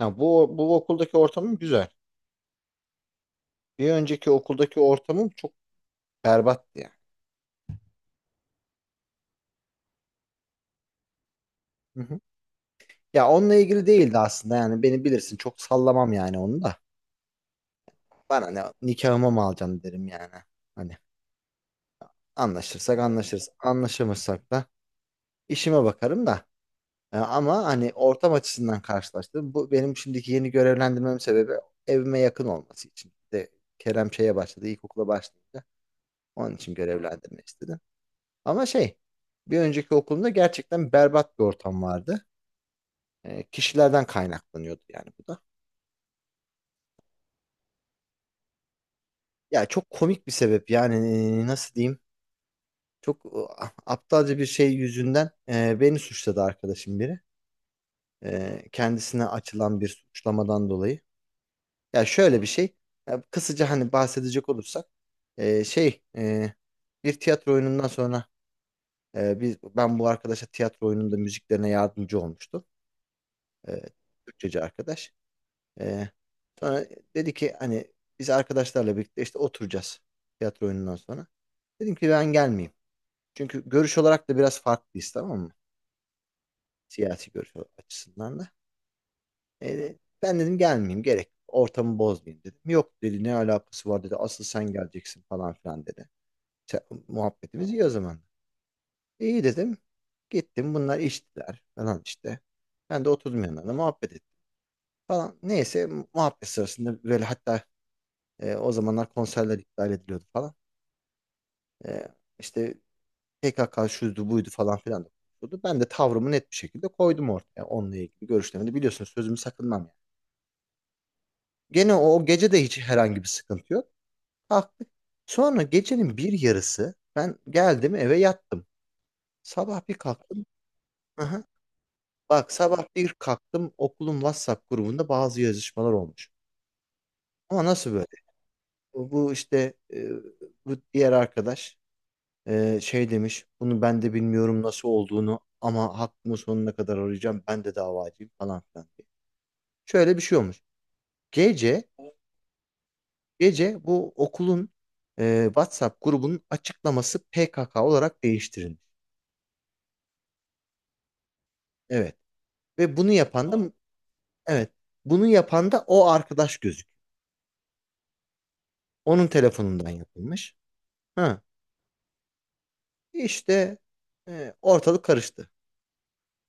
Ha, bu okuldaki ortamım güzel. Bir önceki okuldaki ortamım çok berbattı yani. Hı hı. Ya onunla ilgili değildi aslında, yani beni bilirsin, çok sallamam yani onu da. Bana ne, nikahıma mı alacaksın derim yani. Hani anlaşırsak anlaşırız, anlaşamazsak da işime bakarım da. Ama hani ortam açısından karşılaştım. Bu benim şimdiki yeni görevlendirmem sebebi, evime yakın olması için. Bir de Kerem şeye başladı, ilkokula başlayınca onun için görevlendirme istedim. Ama şey, bir önceki okulumda gerçekten berbat bir ortam vardı. Kişilerden kaynaklanıyordu yani bu da. Ya çok komik bir sebep yani, nasıl diyeyim? Çok aptalca bir şey yüzünden beni suçladı arkadaşım biri. Kendisine açılan bir suçlamadan dolayı. Ya şöyle bir şey. Ya kısaca hani bahsedecek olursak e, şey e, bir tiyatro oyunundan sonra, ben bu arkadaşa tiyatro oyununda müziklerine yardımcı olmuştum. E, Türkçeci arkadaş. Ee, Sonra dedi ki, hani biz arkadaşlarla birlikte işte oturacağız tiyatro oyunundan sonra. Dedim ki ben gelmeyeyim. Çünkü görüş olarak da biraz farklıyız, tamam mı? Siyasi görüş açısından da. Ee, Ben dedim gelmeyeyim, gerek yok. Ortamı bozmayayım dedim. Yok dedi, ne alakası var dedi. Asıl sen geleceksin falan filan dedi. Muhabbetimiz iyi o zaman. İyi dedim. Gittim, bunlar içtiler falan işte. Ben de oturdum yanlarına, muhabbet ettim falan. Neyse, muhabbet sırasında böyle, hatta, o zamanlar konserler iptal ediliyordu falan. E, işte PKK şuydu buydu falan filan da konuşuldu. Ben de tavrımı net bir şekilde koydum ortaya, onunla ilgili görüşlerimi de biliyorsunuz, sözümü sakınmam yani. Gene o gece de hiç herhangi bir sıkıntı yok. Kalktık. Sonra gecenin bir yarısı ben geldim eve yattım. Sabah bir kalktım. Aha. Bak, sabah bir kalktım, okulun WhatsApp grubunda bazı yazışmalar olmuş. Ama nasıl böyle? Bu işte bu diğer arkadaş, şey demiş, bunu ben de bilmiyorum nasıl olduğunu ama hakkımı sonuna kadar arayacağım, ben de davacıyım falan filan diye. Şöyle bir şey olmuş. Gece, gece bu okulun WhatsApp grubunun açıklaması PKK olarak değiştirilmiş. Evet. Ve bunu yapan da, evet, bunu yapan da o arkadaş gözük. Onun telefonundan yapılmış. Ha. İşte ortalık karıştı.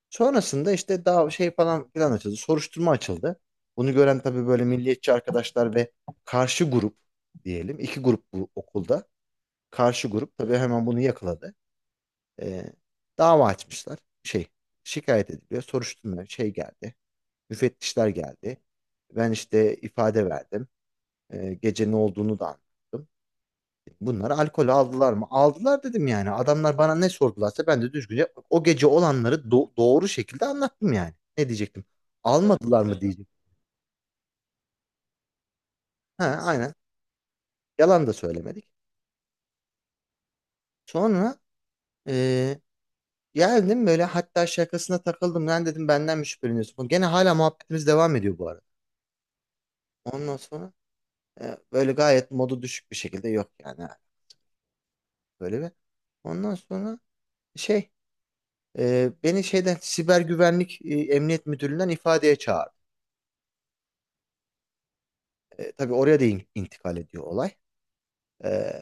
Sonrasında işte daha şey falan filan açıldı. Soruşturma açıldı. Bunu gören tabii böyle milliyetçi arkadaşlar ve karşı grup diyelim, iki grup bu okulda. Karşı grup tabii hemen bunu yakaladı. Ee, Dava açmışlar. Şey, şikayet ediliyor. Soruşturma şey geldi. Müfettişler geldi. Ben işte ifade verdim. Gece ne olduğunu da anlattım. Bunlar alkol aldılar mı? Aldılar dedim yani. Adamlar bana ne sordularsa ben de düzgünce o gece olanları doğru şekilde anlattım yani. Ne diyecektim? Almadılar mı diyecektim. Ha, aynen. Yalan da söylemedik. Sonra e, geldim böyle, hatta şakasına takıldım. Lan dedim, benden mi şüpheleniyorsun? Gene hala muhabbetimiz devam ediyor bu arada. Ondan sonra böyle gayet modu düşük bir şekilde, yok yani. Böyle bir. Ondan sonra şey, beni şeyden, siber güvenlik, emniyet müdürlüğünden ifadeye çağırdı. Tabii oraya da intikal ediyor olay. E,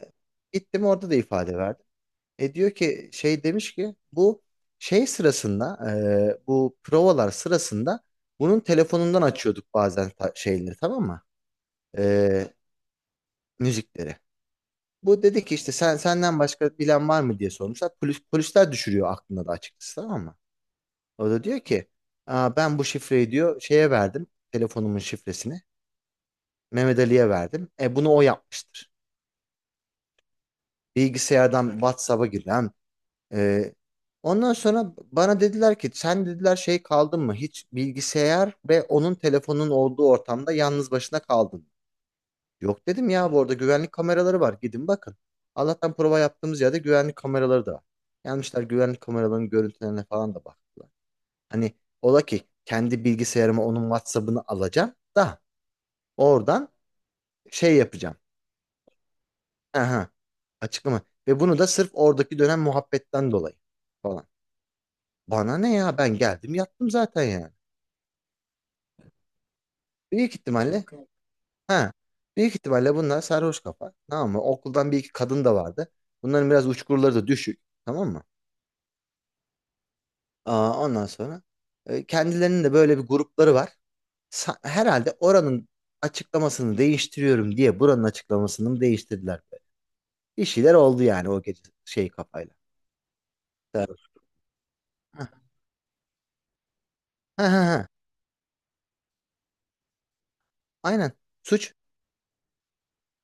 Gittim, orada da ifade verdim. Diyor ki, şey demiş ki, bu şey sırasında, bu provalar sırasında bunun telefonundan açıyorduk bazen şeyleri, tamam mı? E, Müzikleri. Bu dedi ki işte, sen, senden başka bilen var mı diye sormuşlar. Polis, polisler düşürüyor aklında da, açıkçası tamam mı? O da diyor ki, aa, ben bu şifreyi diyor şeye verdim, telefonumun şifresini Mehmet Ali'ye verdim. E bunu o yapmıştır. Bilgisayardan WhatsApp'a giren. e, Ondan sonra bana dediler ki, sen dediler şey kaldın mı? Hiç bilgisayar ve onun telefonun olduğu ortamda yalnız başına kaldın mı? Yok dedim ya, bu arada güvenlik kameraları var. Gidin bakın. Allah'tan prova yaptığımız yerde güvenlik kameraları da var. Gelmişler, güvenlik kameralarının görüntülerine falan da baktılar. Hani ola ki kendi bilgisayarıma onun WhatsApp'ını alacağım da oradan şey yapacağım. Aha, açıklama. Ve bunu da sırf oradaki dönem muhabbetten dolayı falan. Bana ne ya, ben geldim yattım zaten yani. Büyük ihtimalle, ha büyük ihtimalle bunlar sarhoş kafa, tamam mı? Okuldan bir iki kadın da vardı. Bunların biraz uçkurları da düşük, tamam mı? Aa, ondan sonra kendilerinin de böyle bir grupları var. Herhalde oranın açıklamasını değiştiriyorum diye buranın açıklamasını mı değiştirdiler, böyle. Bir şeyler oldu yani o gece şey kafayla. Sarhoş. Ha, ha, ha, ha. Aynen. Suç.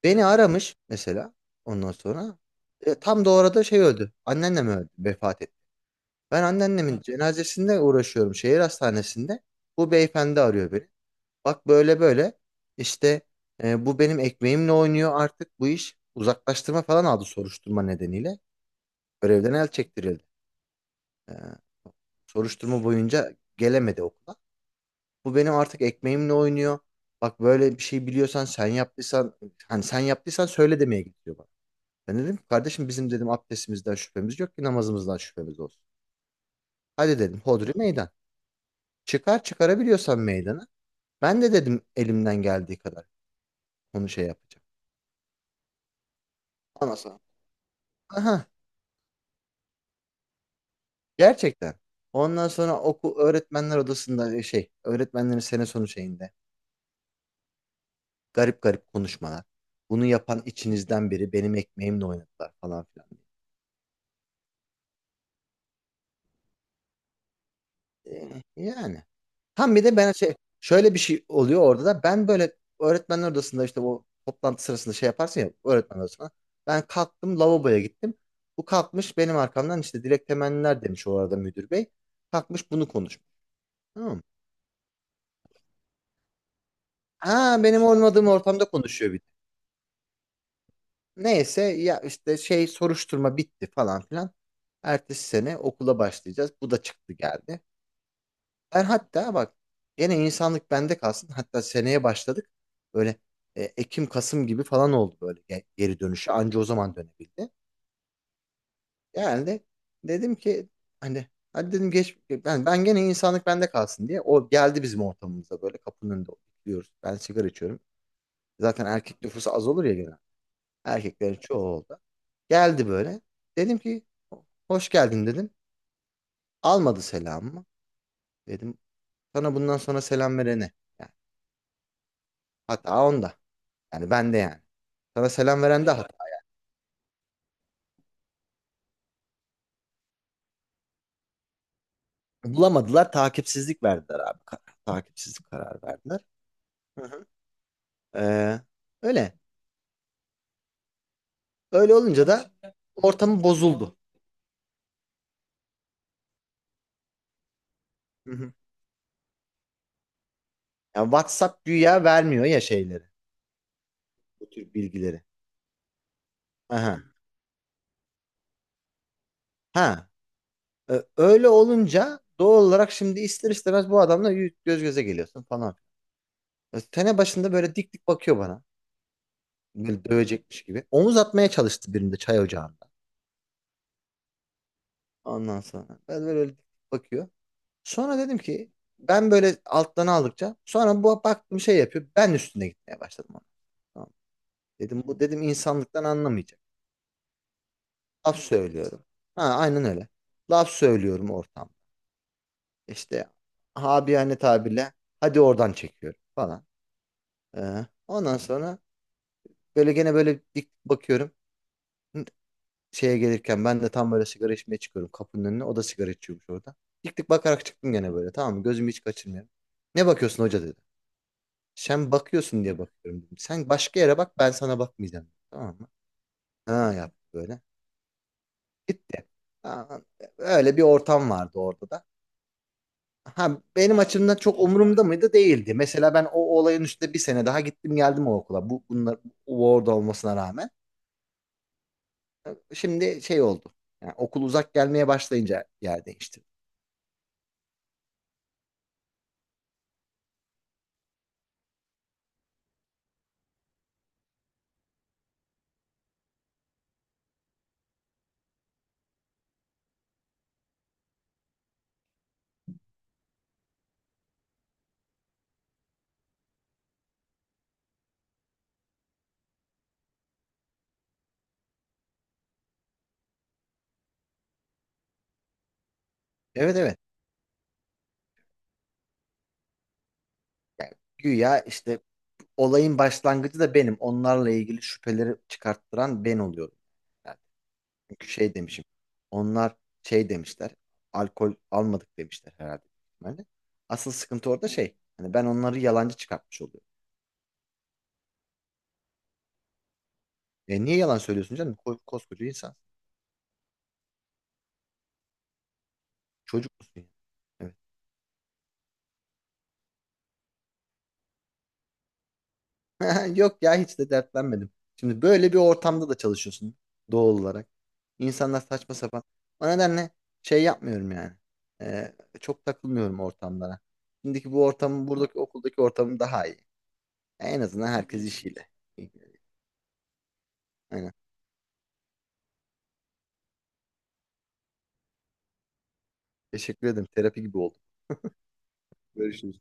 Beni aramış mesela ondan sonra. Tam da orada şey öldü. Anneannem öldü, vefat etti. Ben anneannemin cenazesinde uğraşıyorum şehir hastanesinde. Bu beyefendi arıyor beni. Bak böyle böyle işte, bu benim ekmeğimle oynuyor artık bu iş. Uzaklaştırma falan aldı soruşturma nedeniyle. Görevden el çektirildi. E, Soruşturma boyunca gelemedi okula. Bu benim artık ekmeğimle oynuyor. Bak, böyle bir şey biliyorsan, sen yaptıysan, hani sen yaptıysan söyle demeye gidiyor bana. Ben dedim ki, kardeşim bizim dedim abdestimizden şüphemiz yok ki namazımızdan şüphemiz olsun. Hadi dedim, hodri meydan. Çıkar, çıkarabiliyorsan meydana. Ben de dedim, elimden geldiği kadar onu şey yapacağım. Anasını. Aha, gerçekten. Ondan sonra öğretmenler odasında, şey, öğretmenlerin sene sonu şeyinde garip garip konuşmalar. Bunu yapan içinizden biri benim ekmeğimle oynadılar falan filan. Yani. Tam bir de ben şey, şöyle bir şey oluyor orada da, ben böyle öğretmenler odasında işte bu toplantı sırasında şey yaparsın ya öğretmen odasına. Ben kalktım, lavaboya gittim. Bu kalkmış benim arkamdan işte dilek temenniler demiş, o arada müdür bey. Kalkmış bunu konuşmuş. Tamam mı? Ha, benim olmadığım ortamda konuşuyor bir de. Neyse ya, işte şey, soruşturma bitti falan filan. Ertesi sene okula başlayacağız. Bu da çıktı geldi. Ben hatta, bak, gene insanlık bende kalsın. Hatta seneye başladık. Böyle Ekim Kasım gibi falan oldu böyle geri dönüşü. Anca o zaman dönebildi. Yani dedim ki, hani, hadi dedim geç, ben gene insanlık bende kalsın diye. O geldi bizim ortamımıza, böyle kapının önünde oturuyoruz. Ben sigara içiyorum. Zaten erkek nüfusu az olur ya genel. Erkeklerin çoğu oldu. Geldi böyle. Dedim ki, hoş geldin dedim. Almadı selamımı. Dedim, sana bundan sonra selam verene. Yani hata onda. Yani ben de yani. Sana selam veren de hata. Bulamadılar. Takipsizlik verdiler abi. Takipsizlik kararı verdiler. Hı hı. Ee, Öyle. Öyle olunca da ortamı bozuldu. Hı hı. Yani WhatsApp güya vermiyor ya şeyleri. Bu tür bilgileri. Aha. Ha. Öyle olunca doğal olarak şimdi ister istemez bu adamla göz göze geliyorsun falan. Tene başında böyle dik dik bakıyor bana. Böyle dövecekmiş gibi. Omuz atmaya çalıştı birinde çay ocağında. Ondan sonra. Ben böyle dik dik bakıyor. Sonra dedim ki, ben böyle alttan aldıkça sonra bu bak bir şey yapıyor. Ben üstüne gitmeye başladım ona. Tamam. Dedim bu dedim insanlıktan anlamayacak. Laf söylüyorum. Ha, aynen öyle. Laf söylüyorum ortamda. İşte, habiyane tabirle, hadi oradan çekiyorum falan. Ondan sonra böyle gene böyle dik bakıyorum. Şeye gelirken ben de tam böyle sigara içmeye çıkıyorum kapının önüne. O da sigara içiyormuş orada. Dik dik bakarak çıktım gene böyle, tamam mı? Gözümü hiç kaçırmıyorum. Ne bakıyorsun hoca dedi. Sen bakıyorsun diye bakıyorum dedim. Sen başka yere bak, ben sana bakmayacağım. Tamam mı? Ha, yaptı böyle. Gitti. Ha, öyle bir ortam vardı orada da. Ha, benim açımdan çok umurumda mıydı? Değildi. Mesela ben o olayın üstüne bir sene daha gittim geldim o okula. Bunlar bu orada olmasına rağmen. Şimdi şey oldu. Yani okul uzak gelmeye başlayınca yer değişti. Evet, evet. Yani güya işte olayın başlangıcı da benim. Onlarla ilgili şüpheleri çıkarttıran ben oluyorum. Çünkü şey demişim. Onlar şey demişler. Alkol almadık demişler herhalde. Yani asıl sıkıntı orada şey. Hani ben onları yalancı çıkartmış oluyorum. Niye yalan söylüyorsun canım? Koskoca insan. Çocuk musun ya? Evet. Yok ya, hiç de dertlenmedim. Şimdi böyle bir ortamda da çalışıyorsun doğal olarak. İnsanlar saçma sapan. O nedenle şey yapmıyorum yani. E, Çok takılmıyorum ortamlara. Şimdiki bu ortamın, buradaki okuldaki ortamım daha iyi. En azından herkes işiyle. Aynen. Teşekkür ederim. Terapi gibi oldu. Görüşürüz.